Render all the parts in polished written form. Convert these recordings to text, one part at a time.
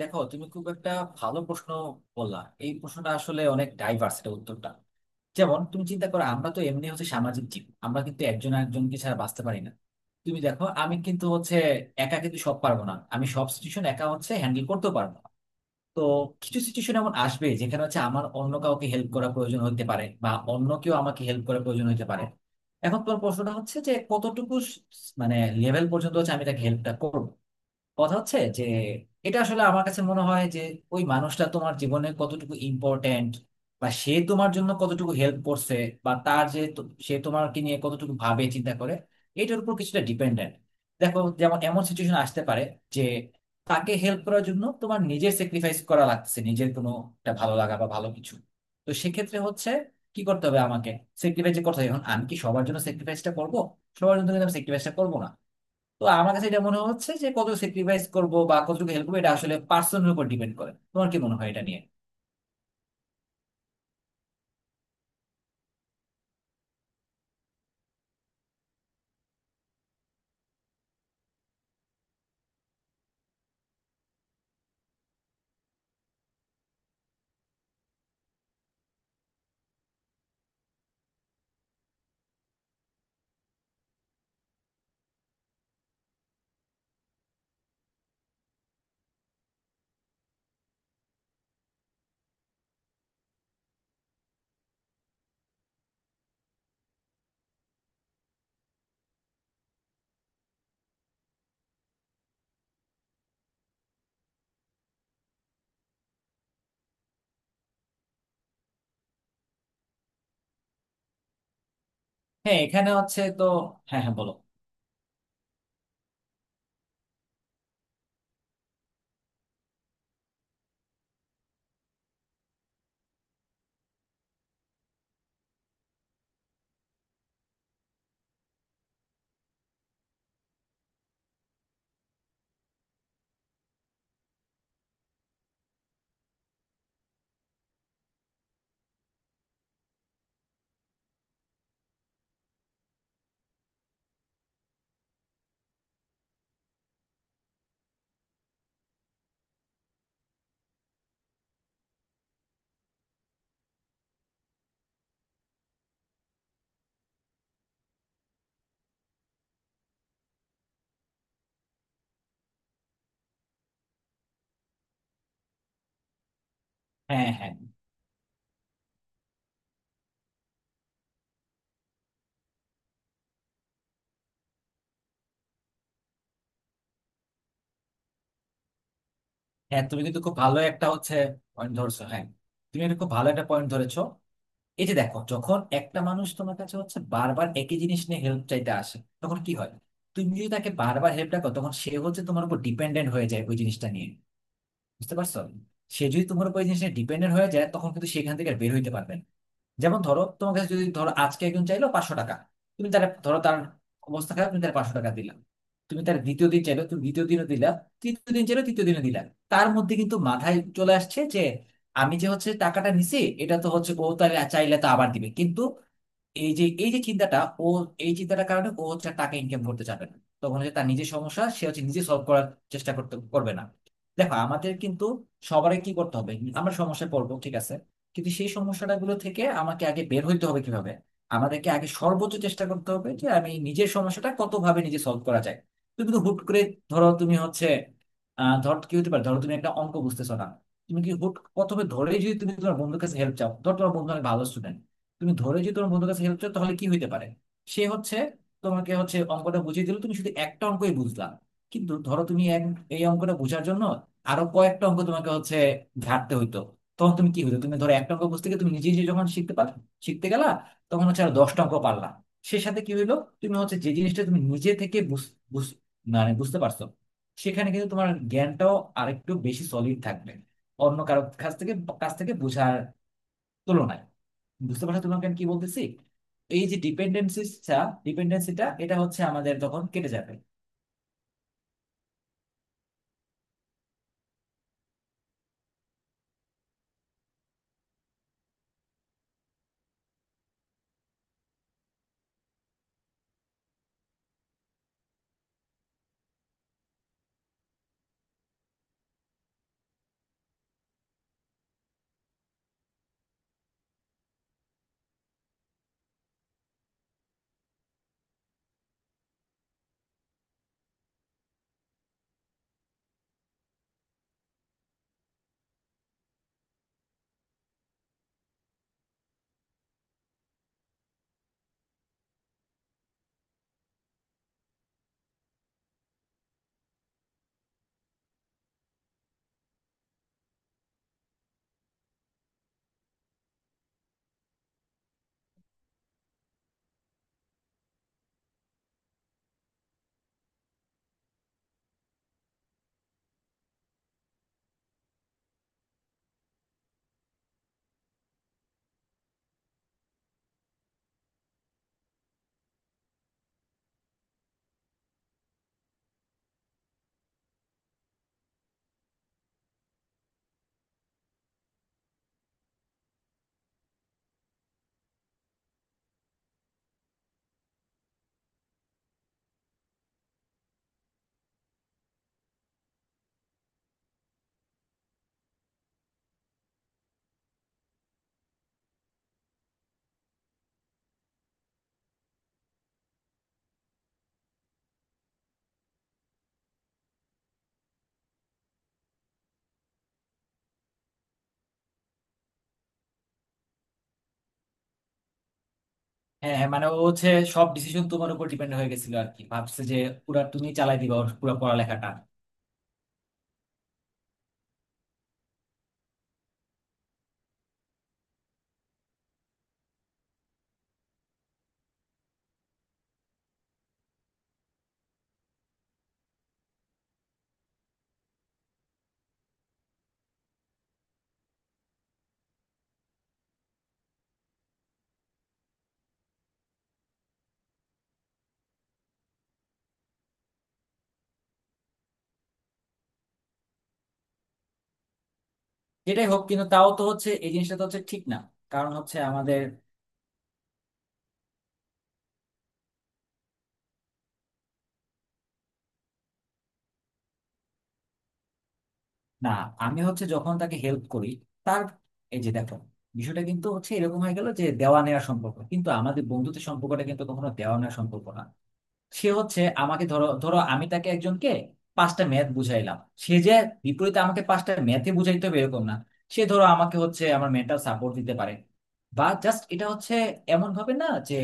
দেখো, তুমি খুব একটা ভালো প্রশ্ন বললা। এই প্রশ্নটা আসলে অনেক ডাইভার্স এটা উত্তরটা। যেমন তুমি চিন্তা করো, আমরা তো এমনি হচ্ছে সামাজিক জীব, আমরা কিন্তু একজন আরেকজনকে ছাড়া বাঁচতে পারি না। তুমি দেখো, আমি কিন্তু হচ্ছে একা কিন্তু সব পারবো না, আমি সব সিচুয়েশন একা হচ্ছে হ্যান্ডেল করতেও পারবো না। তো কিছু সিচুয়েশন এমন আসবে যেখানে হচ্ছে আমার অন্য কাউকে হেল্প করা প্রয়োজন হতে পারে, বা অন্য কেউ আমাকে হেল্প করা প্রয়োজন হতে পারে। এখন তোমার প্রশ্নটা হচ্ছে যে কতটুকু স- মানে লেভেল পর্যন্ত হচ্ছে আমি তাকে হেল্পটা করবো। কথা হচ্ছে যে এটা আসলে আমার কাছে মনে হয় যে ওই মানুষটা তোমার জীবনে কতটুকু ইম্পর্ট্যান্ট, বা সে তোমার জন্য কতটুকু হেল্প করছে, বা সে তোমাকে নিয়ে কতটুকু ভাবে চিন্তা করে। এটার উপর কিছুটা ডিপেন্ডেন্ট। দেখো, যেমন এমন সিচুয়েশন আসতে পারে যে তাকে হেল্প করার জন্য তোমার নিজের স্যাক্রিফাইস করা লাগছে, নিজের কোনো একটা ভালো লাগা বা ভালো কিছু। তো সেক্ষেত্রে হচ্ছে কি করতে হবে আমাকে? স্যাক্রিফাইস করতে হবে। এখন আমি কি সবার জন্য স্যাক্রিফাইসটা করবো? সবার জন্য কিন্তু আমি স্যাক্রিফাইসটা করবো না। তো আমার কাছে এটা মনে হচ্ছে যে কত স্যাক্রিফাইস করব বা কতটুকু হেল্প করবো এটা আসলে পার্সনের উপর ডিপেন্ড করে। তোমার কি মনে হয় এটা নিয়ে? হ্যাঁ, এখানে হচ্ছে তো। হ্যাঁ, হ্যাঁ, বলো। হ্যাঁ, হ্যাঁ, হ্যাঁ। তুমি কিন্তু খুব ভালো একটা হচ্ছে পয়েন্ট ধরছো, হ্যাঁ। তুমি এটা খুব ভালো একটা পয়েন্ট ধরেছো। এই যে দেখো, যখন একটা মানুষ তোমার কাছে হচ্ছে বারবার একই জিনিস নিয়ে হেল্প চাইতে আসে তখন কি হয়? তুমি যদি তাকে বারবার হেল্পটা করো তখন সে হচ্ছে তোমার উপর ডিপেন্ডেন্ট হয়ে যায় ওই জিনিসটা নিয়ে। বুঝতে পারছো? সে যদি তোমার উপর ওই জিনিসটা ডিপেন্ডেন্ট হয়ে যায় তখন কিন্তু সেখান থেকে আর বের হইতে পারবে না। যেমন ধরো, তোমার কাছে যদি ধরো আজকে একজন চাইলো 500 টাকা। তুমি তার ধরো তার অবস্থা খারাপ, তুমি তার 500 টাকা দিলা। তুমি তার দ্বিতীয় দিন চাইলো, তুমি দ্বিতীয় দিনও দিলা। তৃতীয় দিন চাইলো, তৃতীয় দিনও দিলা। তার মধ্যে কিন্তু মাথায় চলে আসছে যে আমি যে হচ্ছে টাকাটা নিছি এটা তো হচ্ছে ও তাহলে চাইলে তো আবার দিবে কিন্তু। এই যে চিন্তাটা, ও এই চিন্তাটার কারণে ও হচ্ছে আর টাকা ইনকাম করতে চাবে না। তখন হচ্ছে তার নিজের সমস্যা সে হচ্ছে নিজে সলভ করার চেষ্টা করতে করবে না। দেখো, আমাদের কিন্তু সবারই কি করতে হবে, আমরা সমস্যায় পড়বো, ঠিক আছে, কিন্তু সেই সমস্যাটা গুলো থেকে আমাকে আগে বের হইতে হবে কিভাবে। আমাদেরকে আগে সর্বোচ্চ চেষ্টা করতে হবে যে আমি নিজের সমস্যাটা কত ভাবে নিজে সলভ করা যায়। তুমি তো হুট করে ধরো তুমি হচ্ছে ধর কি হতে পারে, ধরো তুমি একটা অঙ্ক বুঝতেছো না। তুমি কি হুট প্রথমে ধরে যদি তুমি তোমার বন্ধুর কাছে হেল্প চাও, ধর তোমার বন্ধু অনেক ভালো স্টুডেন্ট, তুমি ধরে যদি তোমার বন্ধুর কাছে হেল্প চাও তাহলে কি হইতে পারে? সে হচ্ছে তোমাকে হচ্ছে অঙ্কটা বুঝিয়ে দিল, তুমি শুধু একটা অঙ্কই বুঝলা। কিন্তু ধরো তুমি এই অঙ্কটা বোঝার জন্য আরো কয়েকটা অঙ্ক তোমাকে হচ্ছে ঘাটতে হইতো। তখন তুমি কি হতো, তুমি ধরো একটা অঙ্ক বুঝতে গিয়ে তুমি নিজে নিজে যখন শিখতে পার, শিখতে গেলা, তখন হচ্ছে আর 10টা অঙ্ক পারলা। সে সাথে কি হইলো, তুমি হচ্ছে যে জিনিসটা তুমি নিজে থেকে বুঝ- বুঝ- মানে বুঝতে পারছো, সেখানে কিন্তু তোমার জ্ঞানটাও আরেকটু বেশি সলিড থাকবে অন্য কারো কাছ থেকে কাছ থেকে বোঝার তুলনায়। বুঝতে পারছো তোমাকে আমি কি বলতেছি? এই যে ডিপেন্ডেন্সিটা ডিপেন্ডেন্সিটা এটা হচ্ছে আমাদের তখন কেটে যাবে। হ্যাঁ হ্যাঁ, মানে ও হচ্ছে সব ডিসিশন তোমার উপর ডিপেন্ড হয়ে গেছিল আর কি, ভাবছে যে পুরা তুমি চালাই দিবা ওর পুরো পড়ালেখাটা। যেটাই হোক, কিন্তু তাও তো হচ্ছে এই জিনিসটা তো হচ্ছে ঠিক না। কারণ হচ্ছে আমাদের। না, আমি হচ্ছে যখন তাকে হেল্প করি তার এই যে দেখো, বিষয়টা কিন্তু হচ্ছে এরকম হয়ে গেল যে দেওয়া নেওয়ার সম্পর্ক, কিন্তু আমাদের বন্ধুত্বের সম্পর্কটা কিন্তু কখনো দেওয়া নেওয়ার সম্পর্ক না। সে হচ্ছে আমাকে ধরো, ধরো আমি তাকে একজনকে 5টা ম্যাথ বুঝাইলাম, সে যে বিপরীতে আমাকে 5টা ম্যাথে বুঝাইতে হবে এরকম না। সে ধরো আমাকে হচ্ছে আমার মেন্টাল সাপোর্ট দিতে পারে, বা জাস্ট এটা হচ্ছে এমন ভাবে না যে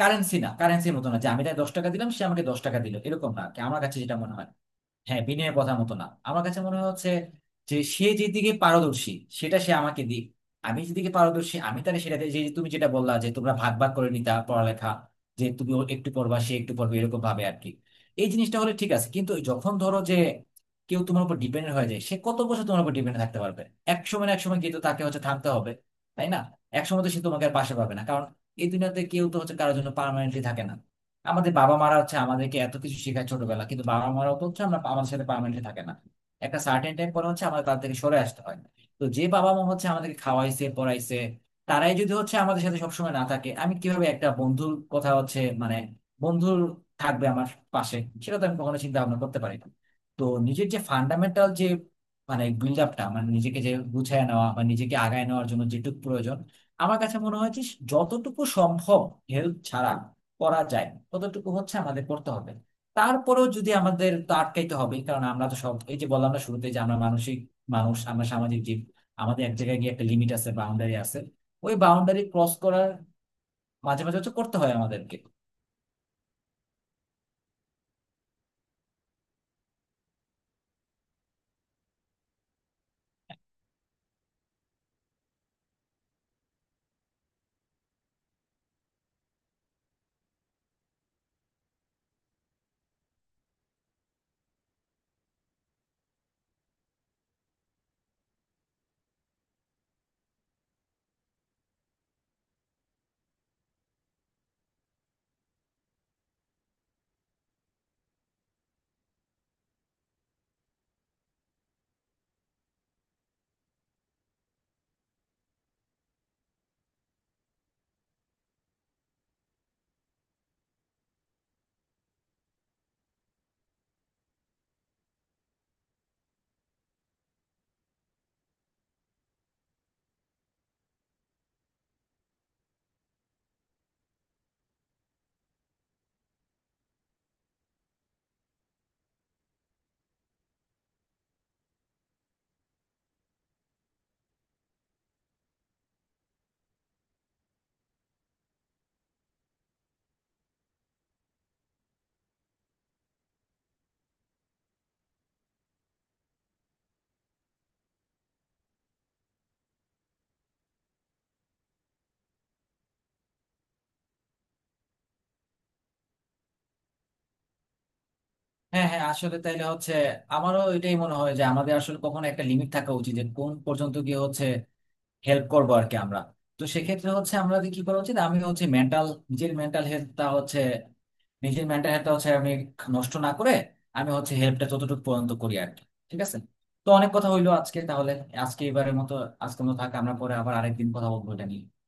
কারেন্সির মতো না, যে আমি তাকে 10 টাকা দিলাম সে আমাকে 10 টাকা দিল এরকম না আর কি, আমার কাছে যেটা মনে হয়। হ্যাঁ, বিনয়ের কথা মতো না, আমার কাছে মনে হচ্ছে যে সে যেদিকে পারদর্শী সেটা সে আমাকে দিক, আমি যেদিকে পারদর্শী আমি তাহলে সেটাতে, যে তুমি যেটা বললা যে তোমরা ভাগ ভাগ করে নিতা পড়ালেখা, যে তুমি ও একটু পড়বা সে একটু পড়বে এরকম ভাবে আর কি। এই জিনিসটা হলে ঠিক আছে, কিন্তু যখন ধরো যে কেউ তোমার উপর ডিপেন্ডেন্ট হয়ে যায় সে কত বছর তোমার উপর ডিপেন্ডেন্ট থাকতে পারবে? এক সময় না এক সময় কিন্তু তাকে হচ্ছে থামতে হবে, তাই না। এক সময় তো সে তোমাকে আর পাশে পাবে না, কারণ এই দুনিয়াতে কেউ তো হচ্ছে কারোর জন্য পার্মানেন্টলি থাকে না। আমাদের বাবা মারা হচ্ছে আমাদেরকে এত কিছু শেখায় ছোটবেলা, কিন্তু বাবা মারাও তো হচ্ছে আমরা আমাদের সাথে পার্মানেন্টলি থাকে না। একটা সার্টেন টাইম পরে হচ্ছে আমাদের তাদের থেকে সরে আসতে হয়। তো যে বাবা মা হচ্ছে আমাদেরকে খাওয়াইছে পড়াইছে তারাই যদি হচ্ছে আমাদের সাথে সবসময় না থাকে, আমি কিভাবে একটা বন্ধুর কথা হচ্ছে মানে বন্ধুর থাকবে আমার পাশে, সেটা তো আমি কখনো চিন্তা ভাবনা করতে পারি না। তো নিজের যে ফান্ডামেন্টাল যে মানে বিল্ড আপটা, মানে নিজেকে যে গুছায় নেওয়া বা নিজেকে আগায় নেওয়ার জন্য যেটুকু প্রয়োজন, আমার কাছে মনে হয় যে যতটুকু সম্ভব হেল্প ছাড়া করা যায় ততটুকু হচ্ছে আমাদের করতে হবে। তারপরেও যদি আমাদের তো আটকাইতে হবে, কারণ আমরা তো সব এই যে বললাম না শুরুতে যে আমরা মানসিক মানুষ, আমরা সামাজিক জীব, আমাদের এক জায়গায় গিয়ে একটা লিমিট আছে, বাউন্ডারি আছে। ওই বাউন্ডারি ক্রস করার মাঝে মাঝে হচ্ছে করতে হয় আমাদেরকে। হ্যাঁ হ্যাঁ, আসলে তাইলে হচ্ছে আমারও এটাই মনে হয় যে আমাদের আসলে কখনো একটা লিমিট থাকা উচিত যে কোন পর্যন্ত গিয়ে হচ্ছে হেল্প করবো আর কি আমরা। তো সেক্ষেত্রে হচ্ছে আমাদের কি করা উচিত, আমি হচ্ছে মেন্টাল নিজের মেন্টাল হেলথটা হচ্ছে নিজের মেন্টাল হেলথটা হচ্ছে আমি নষ্ট না করে আমি হচ্ছে হেল্পটা যতটুকু পর্যন্ত করি আর কি। ঠিক আছে, তো অনেক কথা হইলো আজকে তাহলে। আজকে এবারের মতো আজকের মতো থাক, আমরা পরে আবার আরেকদিন কথা বলবো এটা নিয়ে।